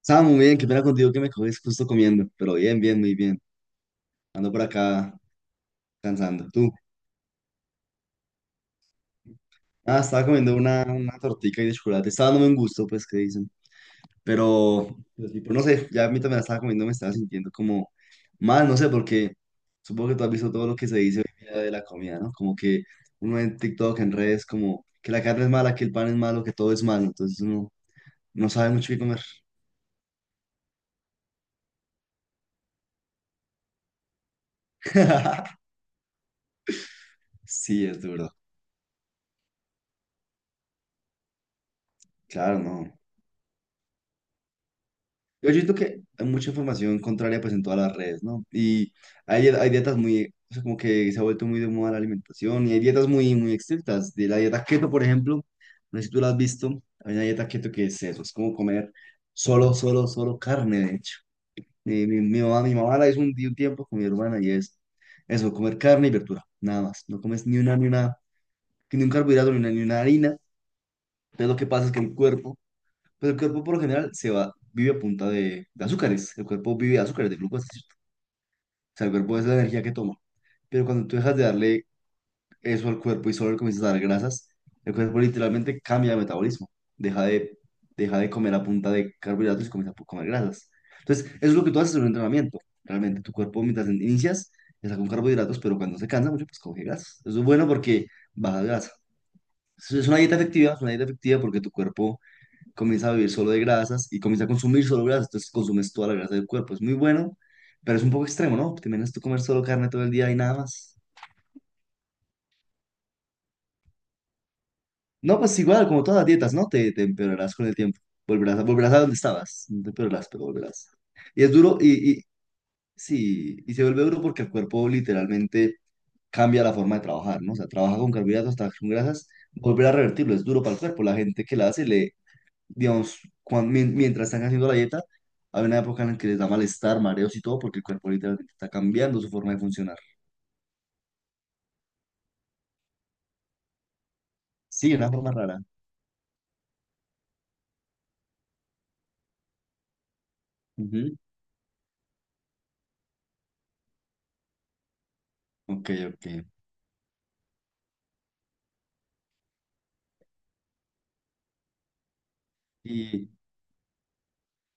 Estaba muy bien, qué pena contigo que me coges justo comiendo, pero bien, muy bien. Ando por acá cansando. ¿Tú? Ah, estaba comiendo una tortica y de chocolate. Estaba dándome un gusto, pues, ¿qué dicen? Pero tipo, no sé, ya a mí también la estaba comiendo, me estaba sintiendo como mal, no sé, porque supongo que tú has visto todo lo que se dice hoy día de la comida, ¿no? Como que uno en TikTok, en redes, como que la carne es mala, que el pan es malo, que todo es malo. Entonces uno no sabe mucho qué comer. Sí, es duro. Claro, no. Yo siento que hay mucha información contraria pues en todas las redes, ¿no? Y hay dietas muy, o sea, como que se ha vuelto muy de moda la alimentación y hay dietas muy estrictas. De la dieta keto, por ejemplo, no sé si tú la has visto, hay una dieta keto que es eso, es como comer solo carne, de hecho. Mi mamá, mi mamá la hizo un, un tiempo con mi hermana y es eso, comer carne y verdura, nada más. No comes ni un carbohidrato, ni una harina. Entonces lo que pasa es que el cuerpo pero el cuerpo por lo general se va, vive a punta de azúcares. El cuerpo vive de azúcares, de glucosa, ¿cierto? O sea, el cuerpo es la energía que toma. Pero cuando tú dejas de darle eso al cuerpo y solo le comienzas a dar grasas, el cuerpo literalmente cambia de metabolismo. Deja de, deja de comer a punta de carbohidratos y comienza a comer grasas. Entonces, eso es lo que tú haces en un entrenamiento. Realmente, tu cuerpo mientras inicias está con carbohidratos, pero cuando se cansa mucho, pues coge grasas. Eso es bueno porque baja grasa. Es una dieta efectiva, es una dieta efectiva porque tu cuerpo comienza a vivir solo de grasas y comienza a consumir solo grasas, entonces consumes toda la grasa del cuerpo. Es muy bueno, pero es un poco extremo, ¿no? Te imaginas tú comer solo carne todo el día y nada más. No, pues igual, como todas las dietas, ¿no? Te empeorarás con el tiempo. Volverás a donde estabas. No te empeorarás, pero volverás. Y es duro, y sí, y se vuelve duro porque el cuerpo literalmente cambia la forma de trabajar, ¿no? O sea, trabaja con carbohidratos, trabaja con grasas. Volver a revertirlo es duro para el cuerpo. La gente que la hace le, digamos, mientras están haciendo la dieta, hay una época en la que les da malestar, mareos y todo, porque el cuerpo literalmente está cambiando su forma de funcionar. Sí, de una forma rara. Ujú. Ok, ok. Y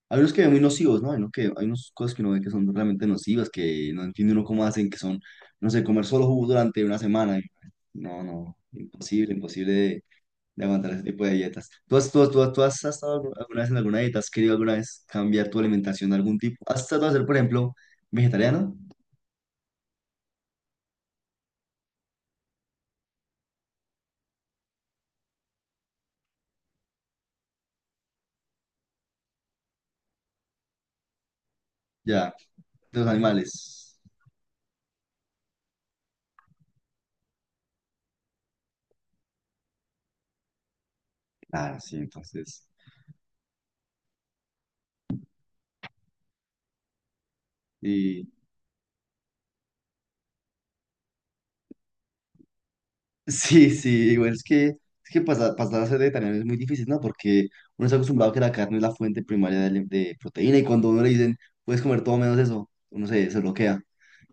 hay unos que ven muy nocivos, ¿no? Hay, uno que, hay unas cosas que uno ve que son realmente nocivas, que no entiende uno cómo hacen, que son, no sé, comer solo jugo durante una semana. Y- No, no, imposible, de aguantar ese tipo de dietas. Tú has estado alguna vez en alguna dieta? ¿Has querido alguna vez cambiar tu alimentación de algún tipo? ¿Has tratado de ser, por ejemplo, vegetariano? Ya, los animales. Claro, sí, entonces. Y sí, sí, igual es que pasar, pasar a ser vegetariano es muy difícil, ¿no? Porque uno está acostumbrado a que la carne es la fuente primaria de, de proteína y cuando a uno le dicen, puedes comer todo menos eso, se bloquea.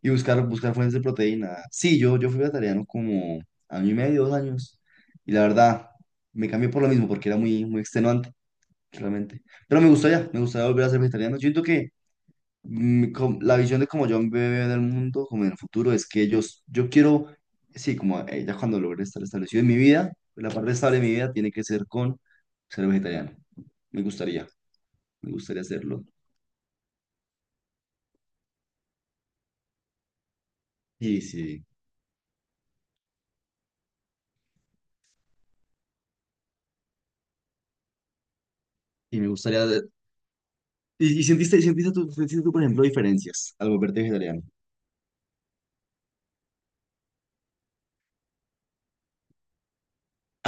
Y buscar fuentes de proteína. Sí, yo fui vegetariano como año y medio, dos años. Y la verdad, me cambié por lo mismo, porque era muy extenuante, realmente. Pero me gustaría volver a ser vegetariano. Yo siento que la visión de cómo yo veo en el mundo, como en el futuro, es que yo quiero, sí, como ya cuando logre estar establecido en mi vida, pues, la parte estable de mi vida tiene que ser con ser vegetariano. Me gustaría, me gustaría hacerlo. Sí, sí, y me gustaría... ¿Y, y sentiste, sentiste tú, por ejemplo, diferencias al volverte vegetariano?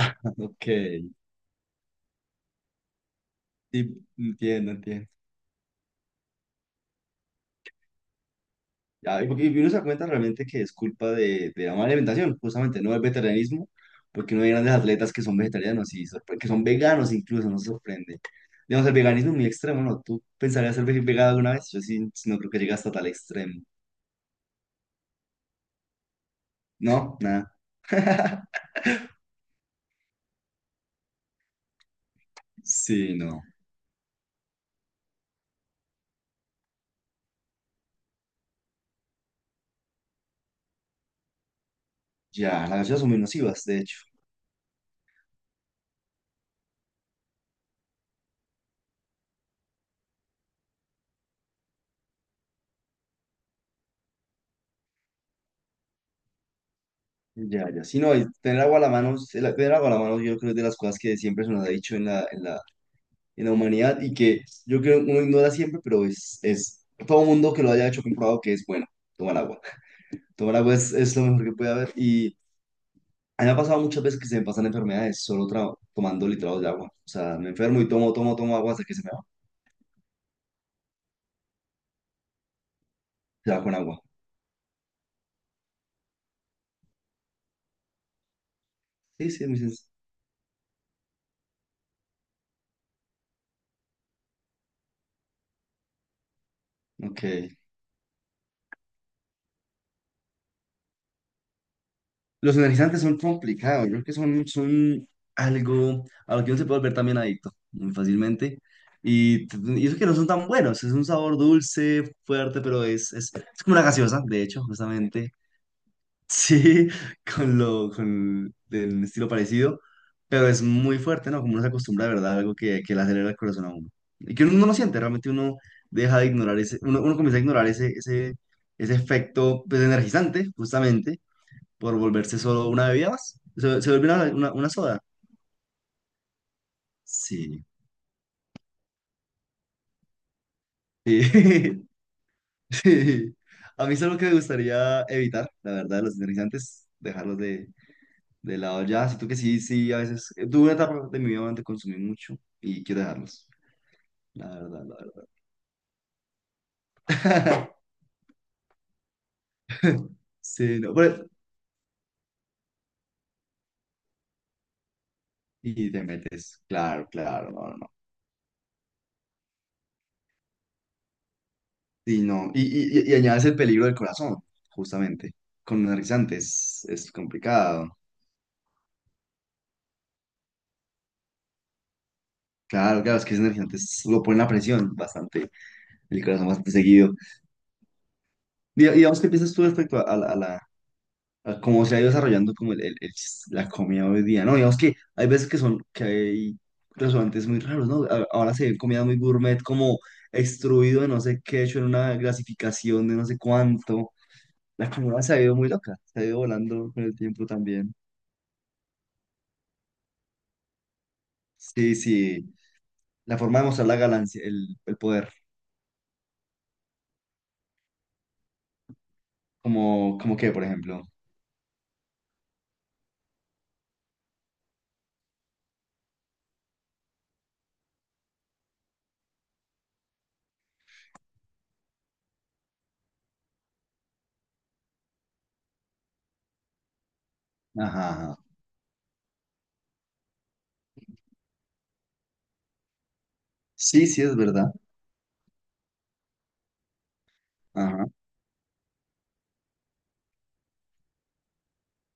Ok, sí, entiendo, entiendo. Ya, y, porque- uno se da cuenta realmente que es culpa de la mala alimentación, justamente, no del vegetarianismo, porque no hay grandes atletas que son vegetarianos y que son veganos incluso, no sorprende. Digamos, el veganismo es muy extremo, ¿no? ¿Tú pensarías ser vegano alguna vez? Yo sí, sí no creo que llegue hasta tal extremo. ¿No? Nada. Sí, no. Ya, las gaseosas son muy nocivas, de hecho. Ya, ya. Sí, no, y tener agua a la mano, tener agua a la mano yo creo que es de las cosas que siempre se nos ha dicho en la, en la en la humanidad y que yo creo que uno ignora siempre, pero es todo mundo que lo haya hecho comprobado que es bueno tomar agua. Tomar agua es lo mejor que puede haber y a mí me ha pasado muchas veces que se me pasan enfermedades solo tomando litrados de agua. O sea, me enfermo y tomo agua hasta que se me va, se va con agua. Sí, sí, me dices. Ok. Los energizantes son complicados, yo creo que son algo a lo que uno se puede volver también adicto muy fácilmente. Y, y eso que no son tan buenos, es un sabor dulce, fuerte, pero es como una gaseosa, de hecho, justamente. Sí, con con el estilo parecido, pero es muy fuerte, ¿no? Como uno se acostumbra de verdad a algo que le acelera el corazón a uno. Y que uno no lo siente, realmente uno deja de ignorar ese, uno comienza a ignorar ese efecto pues, energizante, justamente por volverse solo una bebida más. Se vuelve una, una soda. Sí. Sí. Sí. A mí es algo que me gustaría evitar, la verdad, los energizantes, de lado ya. Siento que sí, sí, a veces. Tuve una etapa de mi vida donde consumí mucho y quiero dejarlos, la verdad. Sí, no, pero- y te metes, claro, claro, no, no, no. Y no, y añades el peligro del corazón, justamente. Con energizantes es complicado. Claro, claro, es que ese energizante lo pone la presión bastante, el corazón bastante seguido. Digamos, ¿qué piensas tú respecto a, a cómo se ha ido desarrollando como la comida hoy día? No, digamos que hay veces que son, que hay restaurantes muy raros, ¿no? Ahora se ven comida muy gourmet, como extruido de no sé qué, hecho en una grasificación de no sé cuánto. La comida se ha ido muy loca, se ha ido volando con el tiempo también. Sí, sí, la forma de mostrar la ganancia, el poder, como, como que, por ejemplo. Ajá, ajá. Sí, sí, es verdad. Ajá.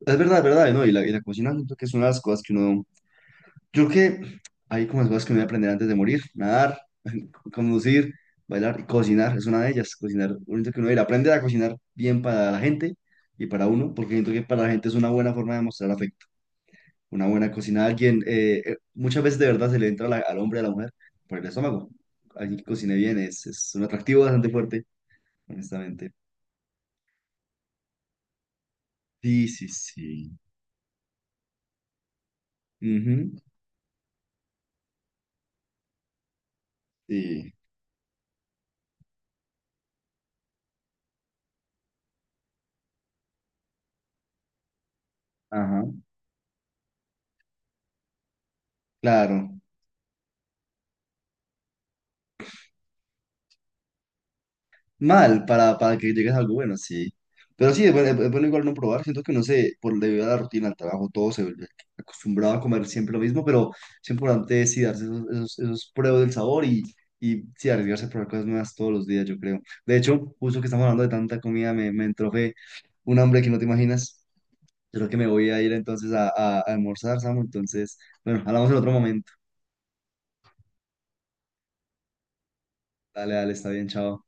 Es verdad, ¿no? Y la cocina siento que es una de las cosas que uno... Yo creo que hay como las cosas que uno debe aprender antes de morir. Nadar, conducir, bailar y cocinar. Es una de ellas. Cocinar, uno siento que uno debe aprender a cocinar bien para la gente y para uno, porque siento que para la gente es una buena forma de mostrar afecto. Una buena cocina a alguien, muchas veces de verdad se le entra a al hombre y a la mujer por el estómago. Alguien que cocine bien es un atractivo bastante fuerte, honestamente. Sí, sí, sí. Ujú. Sí. Ajá. Claro. Mal para que llegues a algo bueno, sí. Pero sí, es bueno igual no probar. Siento que no sé, por debido a la rutina, al trabajo, todo se vuelve acostumbrado a comer siempre lo mismo, pero es importante sí darse esos pruebas del sabor y sí arriesgarse a probar cosas nuevas todos los días, yo creo. De hecho, justo que estamos hablando de tanta comida, me entró fe un hambre que no te imaginas. Yo creo que me voy a ir entonces a, a almorzar, Samu. Entonces, bueno, hablamos en otro momento. Dale, dale, está bien, chao.